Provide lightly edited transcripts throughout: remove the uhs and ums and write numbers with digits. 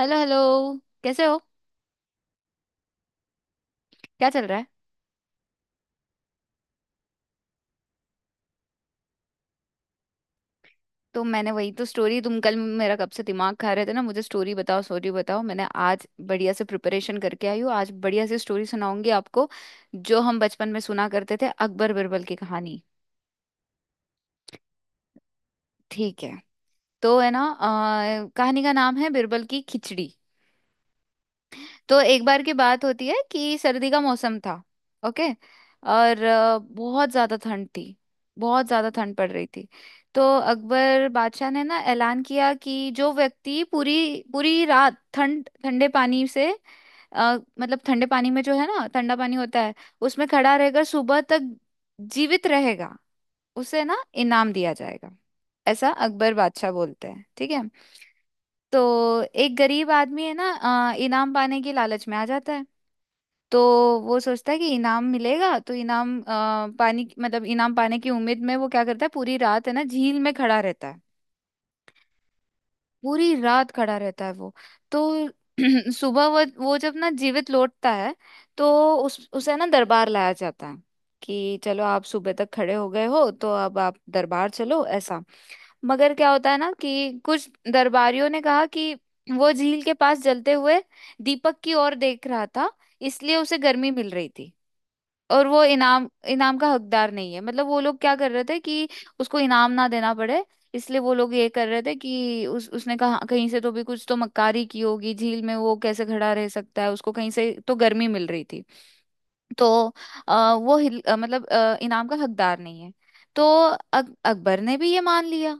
Hello hello. कैसे हो? क्या चल रहा है? तो मैंने वही तो स्टोरी, तुम कल मेरा कब से दिमाग खा रहे थे ना, मुझे स्टोरी बताओ स्टोरी बताओ। मैंने आज बढ़िया से प्रिपरेशन करके आई हूँ, आज बढ़िया से स्टोरी सुनाऊंगी आपको। जो हम बचपन में सुना करते थे, अकबर बिरबल की कहानी। ठीक है। तो है ना, कहानी का नाम है बिरबल की खिचड़ी। तो एक बार की बात होती है कि सर्दी का मौसम था। ओके। और बहुत ज्यादा ठंड थी। बहुत ज्यादा ठंड पड़ रही थी। तो अकबर बादशाह ने ना ऐलान किया कि जो व्यक्ति पूरी पूरी रात ठंडे पानी से, मतलब ठंडे पानी में, जो है ना ठंडा पानी होता है, उसमें खड़ा रहकर सुबह तक जीवित रहेगा, उसे ना इनाम दिया जाएगा। ऐसा अकबर बादशाह बोलते हैं। ठीक है। तो एक गरीब आदमी है ना, इनाम पाने की लालच में आ जाता है। तो वो सोचता है कि इनाम मिलेगा तो इनाम मतलब इनाम पाने की उम्मीद में वो क्या करता है, पूरी रात है ना झील में खड़ा रहता है। पूरी रात खड़ा रहता है वो। तो सुबह वो जब ना जीवित लौटता है, तो उस उसे ना दरबार लाया जाता है कि चलो आप सुबह तक खड़े हो गए हो तो अब आप दरबार चलो, ऐसा। मगर क्या होता है ना, कि कुछ दरबारियों ने कहा कि वो झील के पास जलते हुए दीपक की ओर देख रहा था, इसलिए उसे गर्मी मिल रही थी, और वो इनाम इनाम का हकदार नहीं है। मतलब वो लोग क्या कर रहे थे कि उसको इनाम ना देना पड़े, इसलिए वो लोग ये कर रहे थे कि उस उसने कहा कहीं से तो भी कुछ तो मक्कारी की होगी, झील में वो कैसे खड़ा रह सकता है, उसको कहीं से तो गर्मी मिल रही थी। तो अ, वो हिल, अ, मतलब अ, इनाम का हकदार नहीं है। तो अकबर ने भी ये मान लिया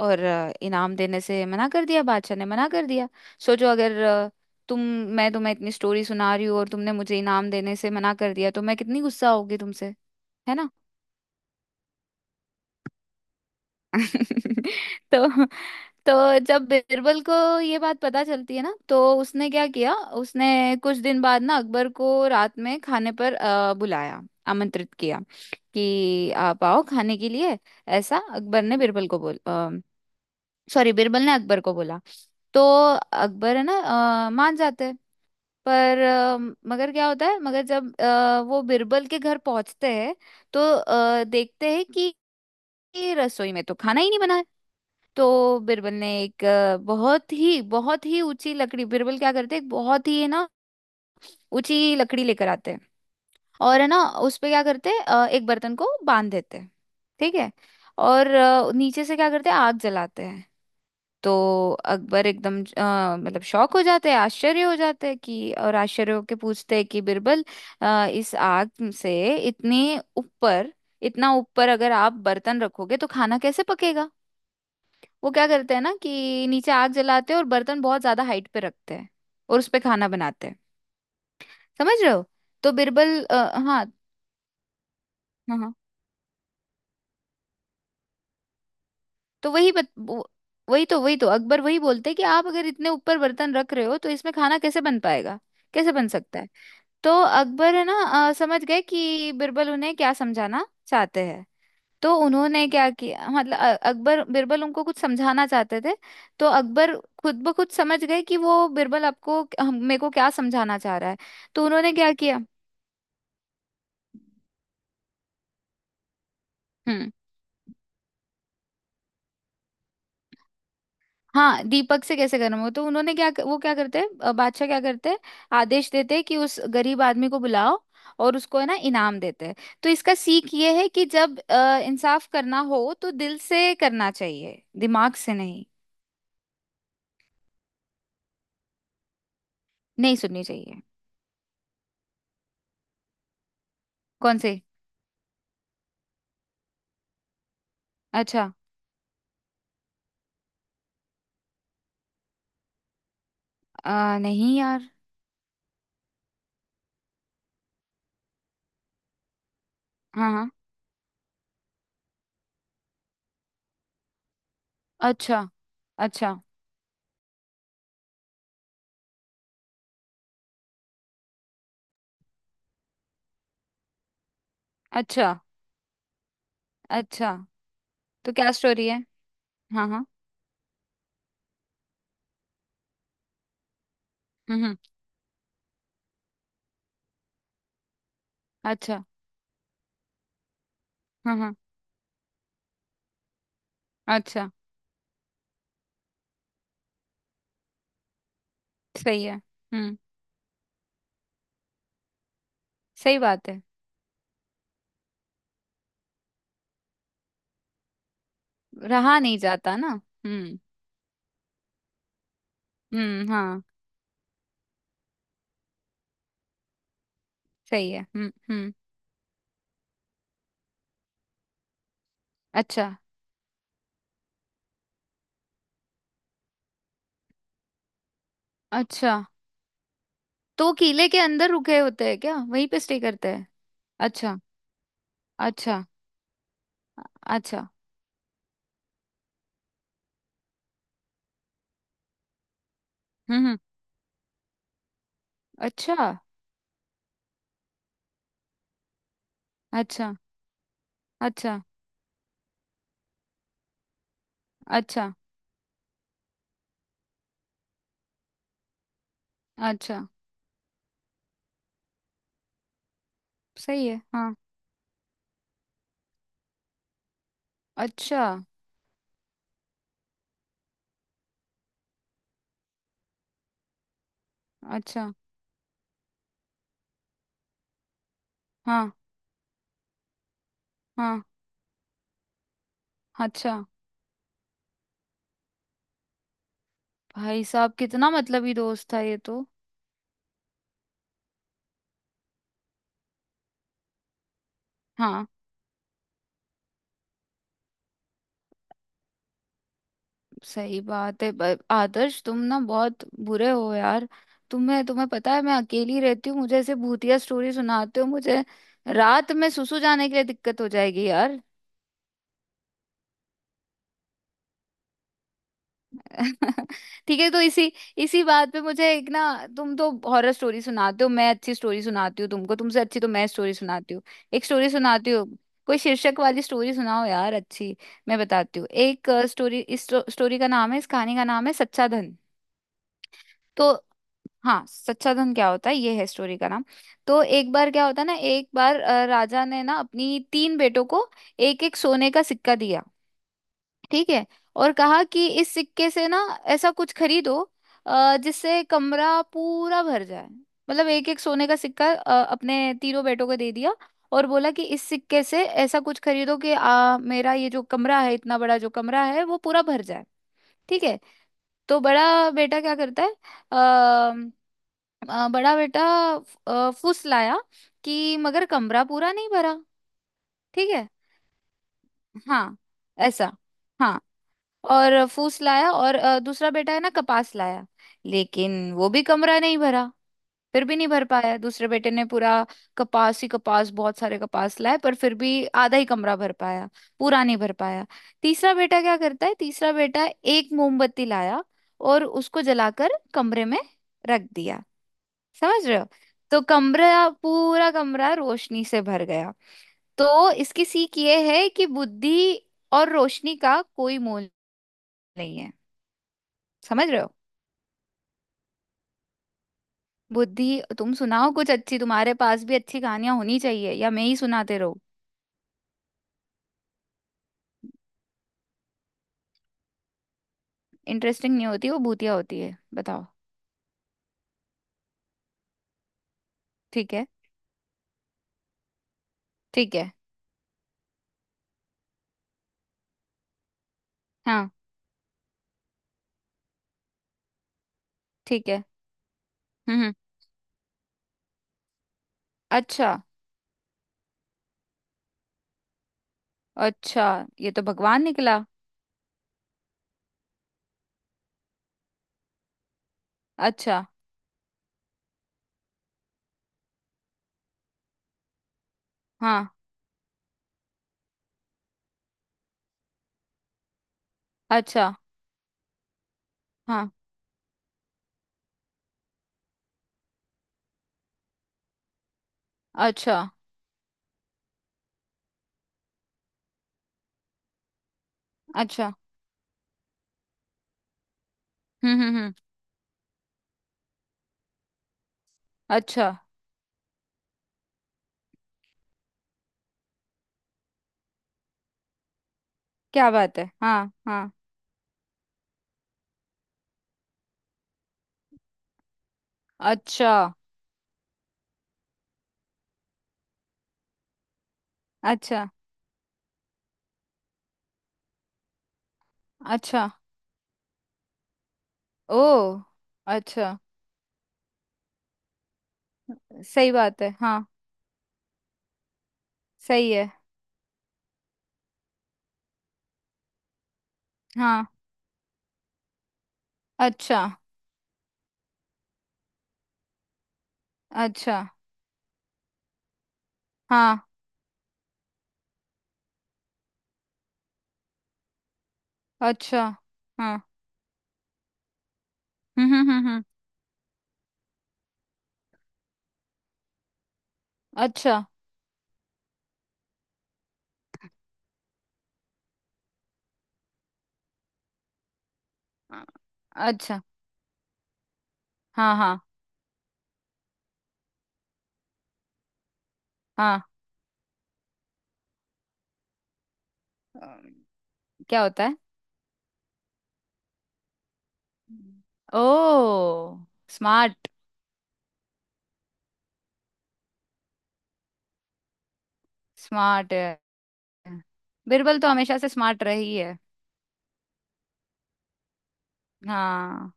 और इनाम देने से मना कर दिया, बादशाह ने मना कर दिया। सोचो अगर तुम, मैं तुम्हें इतनी स्टोरी सुना रही हूँ और तुमने मुझे इनाम देने से मना कर दिया तो मैं कितनी गुस्सा होगी तुमसे। है ना। तो तो जब बिरबल को ये बात पता चलती है ना, तो उसने क्या किया? उसने कुछ दिन बाद ना अकबर को रात में खाने पर बुलाया, आमंत्रित किया कि आप आओ खाने के लिए, ऐसा अकबर ने बिरबल को बोल सॉरी बिरबल ने अकबर को बोला। तो अकबर है ना मान जाते हैं। पर अ, मगर क्या होता है, मगर जब वो बिरबल के घर पहुंचते हैं, तो देखते हैं कि रसोई में तो खाना ही नहीं बना है। तो बिरबल ने एक बहुत ही ऊंची लकड़ी बिरबल क्या करते हैं, एक बहुत ही है ना ऊंची लकड़ी लेकर आते हैं, और है ना उस पे क्या करते हैं, एक बर्तन को बांध देते हैं। ठीक है। और नीचे से क्या करते हैं, आग जलाते हैं। तो अकबर एकदम मतलब शौक हो जाते हैं, आश्चर्य हो जाते हैं कि, और आश्चर्य होके पूछते हैं कि बिरबल इस आग से इतने ऊपर इतना ऊपर अगर आप बर्तन रखोगे तो खाना कैसे पकेगा? वो क्या करते हैं ना कि नीचे आग जलाते हैं और बर्तन बहुत ज्यादा हाइट पे रखते हैं और उस पे खाना बनाते हैं। समझ रहे हो? तो बिरबल हाँ हाँ हाँ, तो वही तो अकबर वही बोलते हैं कि आप अगर इतने ऊपर बर्तन रख रहे हो तो इसमें खाना कैसे बन पाएगा, कैसे बन सकता है। तो अकबर है ना समझ गए कि बिरबल उन्हें क्या समझाना चाहते हैं। तो उन्होंने क्या किया, मतलब अकबर बिरबल उनको कुछ समझाना चाहते थे। तो अकबर खुद ब खुद समझ गए कि वो बिरबल मेरे को क्या समझाना चाह रहा है। तो उन्होंने क्या किया। हम्म, हाँ दीपक से कैसे करना हो तो उन्होंने क्या, वो क्या करते हैं, बादशाह क्या करते हैं, आदेश देते हैं कि उस गरीब आदमी को बुलाओ और उसको है ना इनाम देते हैं। तो इसका सीख ये है कि जब इंसाफ करना हो तो दिल से करना चाहिए, दिमाग से नहीं। नहीं सुननी चाहिए। कौन से? अच्छा, नहीं यार। हाँ हाँ। अच्छा। अच्छा। अच्छा। अच्छा। तो क्या स्टोरी है? हाँ हाँ। हम्म। अच्छा। हाँ हाँ। अच्छा। सही है। हम्म। सही बात है। रहा नहीं जाता ना। हम्म हम्म। हाँ। सही है। हम्म। अच्छा। अच्छा तो किले के अंदर रुके होते हैं क्या, वहीं पे स्टे करते हैं? अच्छा। अच्छा। अच्छा। हम्म। अच्छा। अच्छा। अच्छा। अच्छा। अच्छा। सही है। हाँ। अच्छा। अच्छा। हाँ हाँ। अच्छा, भाई साहब कितना मतलबी दोस्त था ये तो। हाँ। सही बात है। आदर्श तुम ना बहुत बुरे हो यार। तुम्हें, तुम्हें पता है मैं अकेली रहती हूँ, मुझे ऐसे भूतिया स्टोरी सुनाते हो। मुझे रात में सुसु जाने के लिए दिक्कत हो जाएगी यार। ठीक है तो इसी इसी बात पे मुझे एक ना, तुम तो हॉरर स्टोरी सुनाते हो, मैं अच्छी स्टोरी सुनाती हूँ तुमको, तुमसे अच्छी तो मैं स्टोरी सुनाती हूँ। एक स्टोरी सुनाती हूँ। कोई शीर्षक वाली स्टोरी सुनाओ यार अच्छी। मैं बताती हूँ एक स्टोरी। इस कहानी का नाम है सच्चा धन। तो हाँ सच्चा धन क्या होता है, ये है स्टोरी का नाम। तो एक बार क्या होता है ना, एक बार राजा ने ना अपनी तीन बेटों को एक एक सोने का सिक्का दिया। ठीक है। और कहा कि इस सिक्के से ना ऐसा कुछ खरीदो जिससे कमरा पूरा भर जाए, मतलब एक एक सोने का सिक्का अपने तीनों बेटों को दे दिया और बोला कि इस सिक्के से ऐसा कुछ खरीदो कि मेरा ये जो कमरा है, इतना बड़ा जो कमरा है, वो पूरा भर जाए। ठीक है। तो बड़ा बेटा क्या करता है? अ अ, बड़ा बेटा फुस लाया, कि मगर कमरा पूरा नहीं भरा। ठीक है। हाँ। ऐसा। हाँ। और फूस लाया, और दूसरा बेटा है ना कपास लाया, लेकिन वो भी कमरा नहीं भरा। फिर भी नहीं भर पाया दूसरे बेटे ने पूरा। कपास ही कपास, बहुत सारे कपास लाए, पर फिर भी आधा ही कमरा भर पाया, पूरा नहीं भर पाया। तीसरा बेटा क्या करता है, तीसरा बेटा एक मोमबत्ती लाया और उसको जलाकर कमरे में रख दिया। समझ रहे हो। तो कमरा पूरा कमरा रोशनी से भर गया। तो इसकी सीख ये है कि बुद्धि और रोशनी का कोई मोल नहीं है। समझ रहे हो। बुद्धि। तुम सुनाओ कुछ अच्छी, तुम्हारे पास भी अच्छी कहानियां होनी चाहिए, या मैं ही सुनाते रहूं। इंटरेस्टिंग नहीं होती वो, भूतिया होती है, बताओ। ठीक है। ठीक है। हाँ। ठीक है। हम्म। अच्छा। अच्छा ये तो भगवान निकला। अच्छा। हाँ। अच्छा। हाँ। अच्छा। अच्छा। हम्म। अच्छा। क्या बात है, हाँ हाँ। अच्छा। अच्छा। अच्छा। ओ। अच्छा। सही बात है हाँ। सही है। हाँ। अच्छा। अच्छा। हाँ। अच्छा। हाँ। हम्म। अच्छा। अ- अच्छा। हाँ। हाँ। हाँ। अम, क्या होता है? ओ। स्मार्ट। स्मार्ट है। बिरबल तो हमेशा से स्मार्ट रही है। हाँ।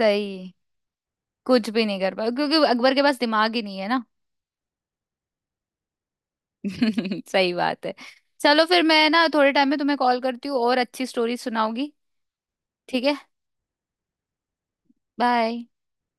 सही। कुछ भी नहीं कर पाया क्योंकि अकबर के पास दिमाग ही नहीं है ना। सही बात है। चलो फिर मैं ना थोड़े टाइम में तुम्हें कॉल करती हूँ और अच्छी स्टोरी सुनाऊंगी। ठीक है। बाय।